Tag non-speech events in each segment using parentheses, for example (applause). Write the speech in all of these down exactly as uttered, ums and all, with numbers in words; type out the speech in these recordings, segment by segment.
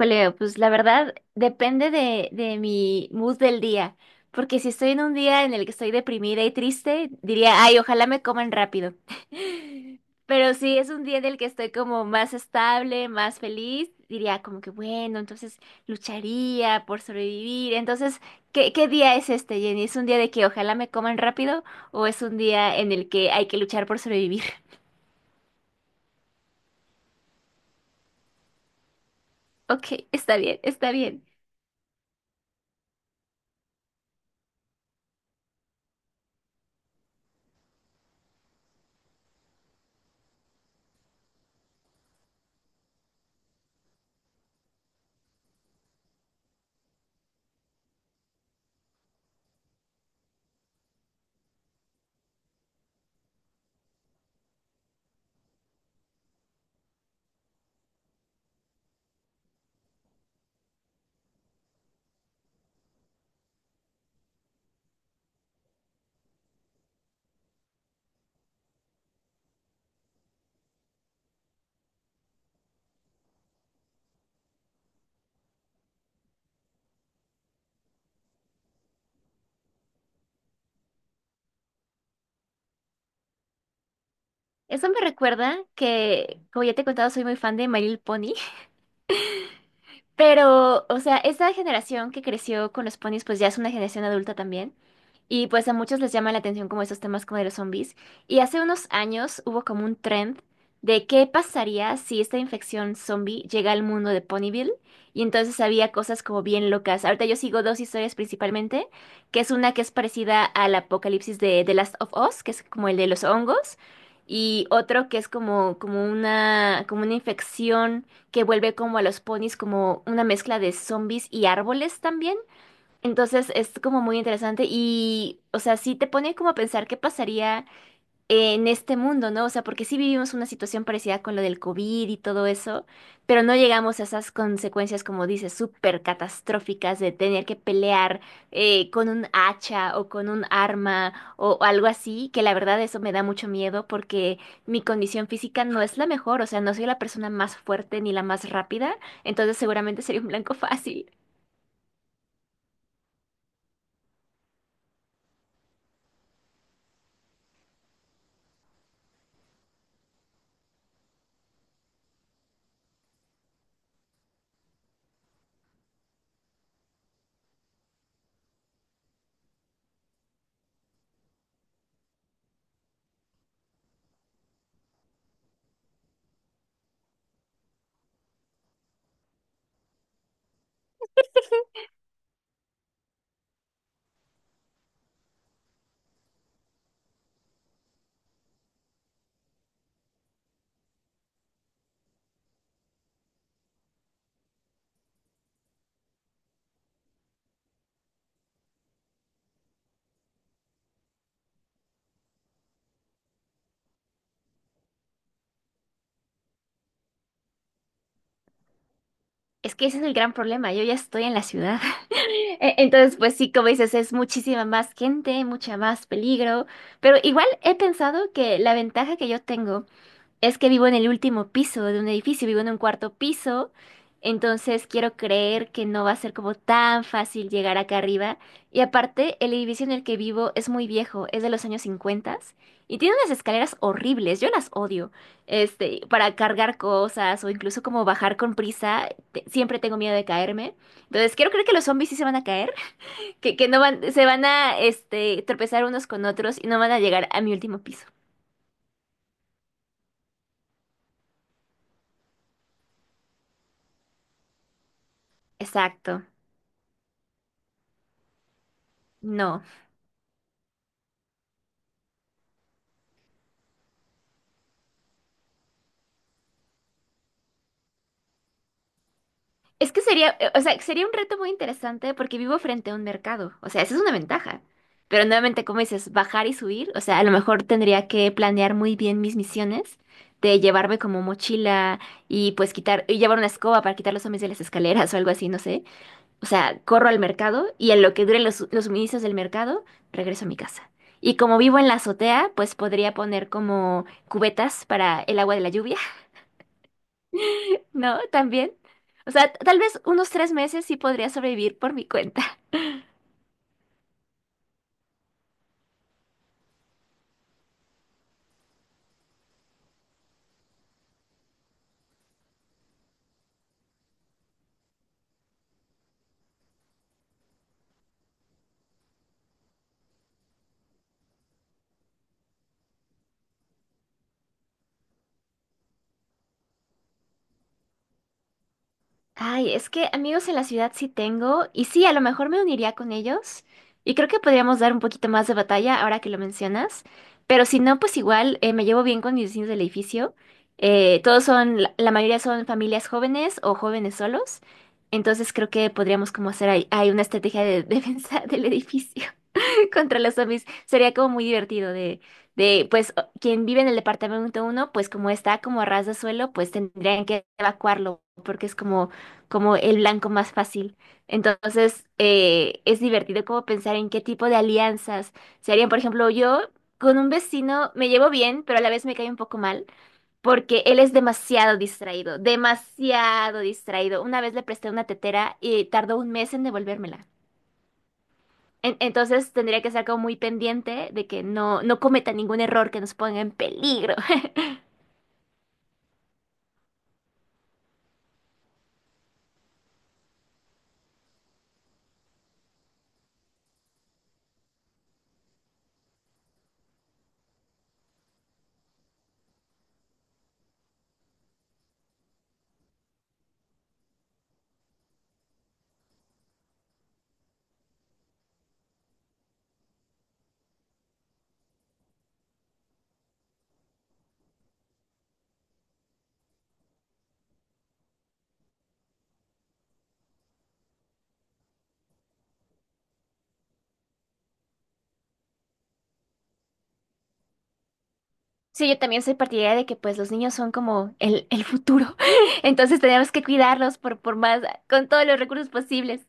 Julio, pues la verdad depende de, de mi mood del día, porque si estoy en un día en el que estoy deprimida y triste, diría, ay, ojalá me coman rápido. (laughs) Pero si es un día en el que estoy como más estable, más feliz, diría como que bueno, entonces lucharía por sobrevivir. Entonces, ¿qué, qué día es este, Jenny? ¿Es un día de que ojalá me coman rápido o es un día en el que hay que luchar por sobrevivir? (laughs) Ok, está bien, está bien. Eso me recuerda que, como ya te he contado, soy muy fan de My Little Pony. Pero, o sea, esta generación que creció con los ponis, pues ya es una generación adulta también. Y pues a muchos les llama la atención como esos temas como de los zombies. Y hace unos años hubo como un trend de qué pasaría si esta infección zombie llega al mundo de Ponyville. Y entonces había cosas como bien locas. Ahorita yo sigo dos historias principalmente, que es una que es parecida al apocalipsis de The Last of Us, que es como el de los hongos, y otro que es como, como una, como una infección que vuelve como a los ponis como una mezcla de zombies y árboles también. Entonces es como muy interesante y, o sea, sí te pone como a pensar qué pasaría en este mundo, ¿no? O sea, porque sí vivimos una situación parecida con lo del COVID y todo eso, pero no llegamos a esas consecuencias, como dices, súper catastróficas de tener que pelear eh, con un hacha o con un arma o, o algo así, que la verdad eso me da mucho miedo porque mi condición física no es la mejor, o sea, no soy la persona más fuerte ni la más rápida, entonces seguramente sería un blanco (laughs) fácil. Es que ese es el gran problema, yo ya estoy en la ciudad. (laughs) E- Entonces, pues sí, como dices, es muchísima más gente, mucha más peligro, pero igual he pensado que la ventaja que yo tengo es que vivo en el último piso de un edificio, vivo en un cuarto piso, entonces quiero creer que no va a ser como tan fácil llegar acá arriba. Y aparte, el edificio en el que vivo es muy viejo, es de los años cincuenta y tiene unas escaleras horribles, yo las odio. Este, para cargar cosas o incluso como bajar con prisa, te- siempre tengo miedo de caerme. Entonces quiero creer que los zombies sí se van a caer, (laughs) que, que no van, se van a este, tropezar unos con otros y no van a llegar a mi último piso. Exacto, no. Es que sería, eh, o sea, sería un reto muy interesante porque vivo frente a un mercado. O sea, esa es una ventaja. Pero nuevamente, como dices, bajar y subir. O sea, a lo mejor tendría que planear muy bien mis misiones de llevarme como mochila y pues quitar, y llevar una escoba para quitar los zombies de las escaleras o algo así, no sé. O sea, corro al mercado y en lo que duren los, los suministros del mercado, regreso a mi casa. Y como vivo en la azotea, pues podría poner como cubetas para el agua de la lluvia no, también. O sea, t- tal vez unos tres meses sí podría sobrevivir por mi cuenta. (laughs) Ay, es que amigos en la ciudad sí tengo, y sí, a lo mejor me uniría con ellos, y creo que podríamos dar un poquito más de batalla ahora que lo mencionas, pero si no, pues igual eh, me llevo bien con mis vecinos del edificio. Eh, todos son, la la mayoría son familias jóvenes o jóvenes solos, entonces creo que podríamos como hacer ahí, ahí una estrategia de (laughs) defensa del edificio. (laughs) contra los zombies. Sería como muy divertido de, de, pues, o- quien vive en el departamento uno, pues como está como a ras de suelo, pues tendrían que evacuarlo, porque es como, como el blanco más fácil. Entonces, eh, es divertido como pensar en qué tipo de alianzas se harían. Por ejemplo, yo con un vecino me llevo bien, pero a la vez me cae un poco mal. Porque él es demasiado distraído, demasiado distraído. Una vez le presté una tetera y tardó un mes en devolvérmela. En- entonces tendría que estar como muy pendiente de que no, no cometa ningún error que nos ponga en peligro. (laughs) Sí, yo también soy partidaria de que pues los niños son como el, el futuro. (laughs) Entonces tenemos que cuidarlos por, por más, con todos los recursos posibles.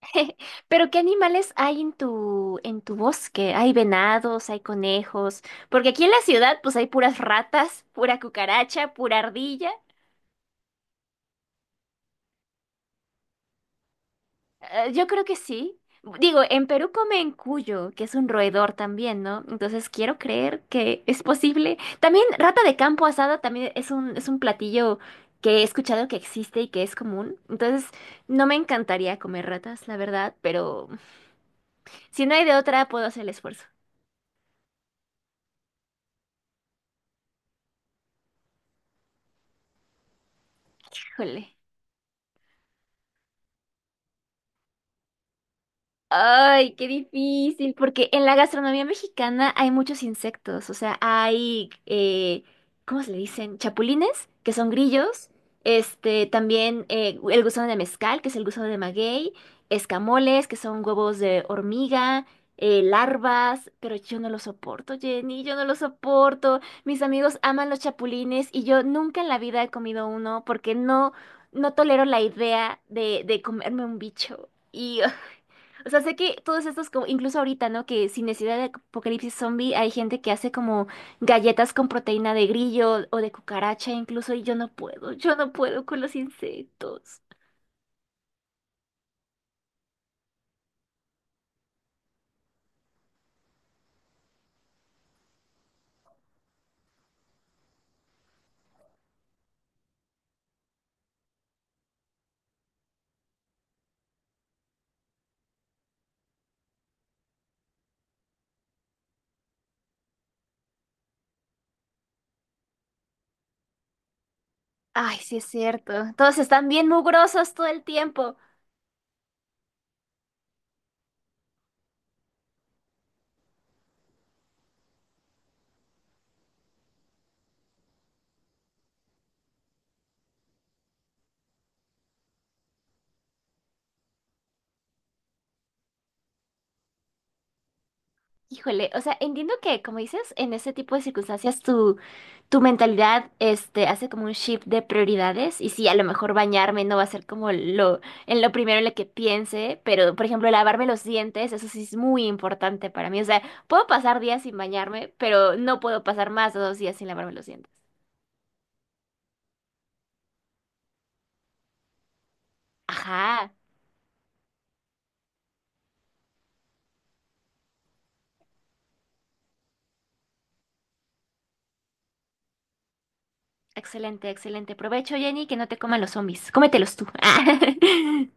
(laughs) Pero ¿qué animales hay en tu, en tu bosque? Hay venados, hay conejos, porque aquí en la ciudad pues hay puras ratas, pura cucaracha, pura ardilla. Eh, yo creo que sí. Digo, en Perú comen cuyo, que es un roedor también, ¿no? Entonces quiero creer que es posible. También rata de campo asada también es un, es un platillo que he escuchado que existe y que es común. Entonces, no me encantaría comer ratas, la verdad, pero si no hay de otra, puedo hacer el esfuerzo. Jole. Ay, qué difícil, porque en la gastronomía mexicana hay muchos insectos, o sea, hay, eh, ¿cómo se le dicen? Chapulines, que son grillos, este, también eh, el gusano de mezcal, que es el gusano de maguey, escamoles, que son huevos de hormiga, eh, larvas, pero yo no lo soporto, Jenny, yo no lo soporto. Mis amigos aman los chapulines y yo nunca en la vida he comido uno porque no, no tolero la idea de, de comerme un bicho. (laughs) O sea, sé que todos estos, como, incluso ahorita, ¿no? Que sin necesidad de apocalipsis zombie, hay gente que hace como galletas con proteína de grillo o de cucaracha, incluso, y yo no puedo, yo no puedo con los insectos. Ay, sí es cierto. Todos están bien mugrosos todo el tiempo. Híjole, o sea, entiendo que, como dices, en ese tipo de circunstancias tu, tu mentalidad este, hace como un shift de prioridades y sí, a lo mejor bañarme no va a ser como lo, en lo primero en lo que piense, pero por ejemplo, lavarme los dientes, eso sí es muy importante para mí. O sea, puedo pasar días sin bañarme, pero no puedo pasar más de dos días sin lavarme los dientes. Ajá, excelente, excelente. Provecho, Jenny, que no te coman los zombies. Cómetelos tú. (laughs)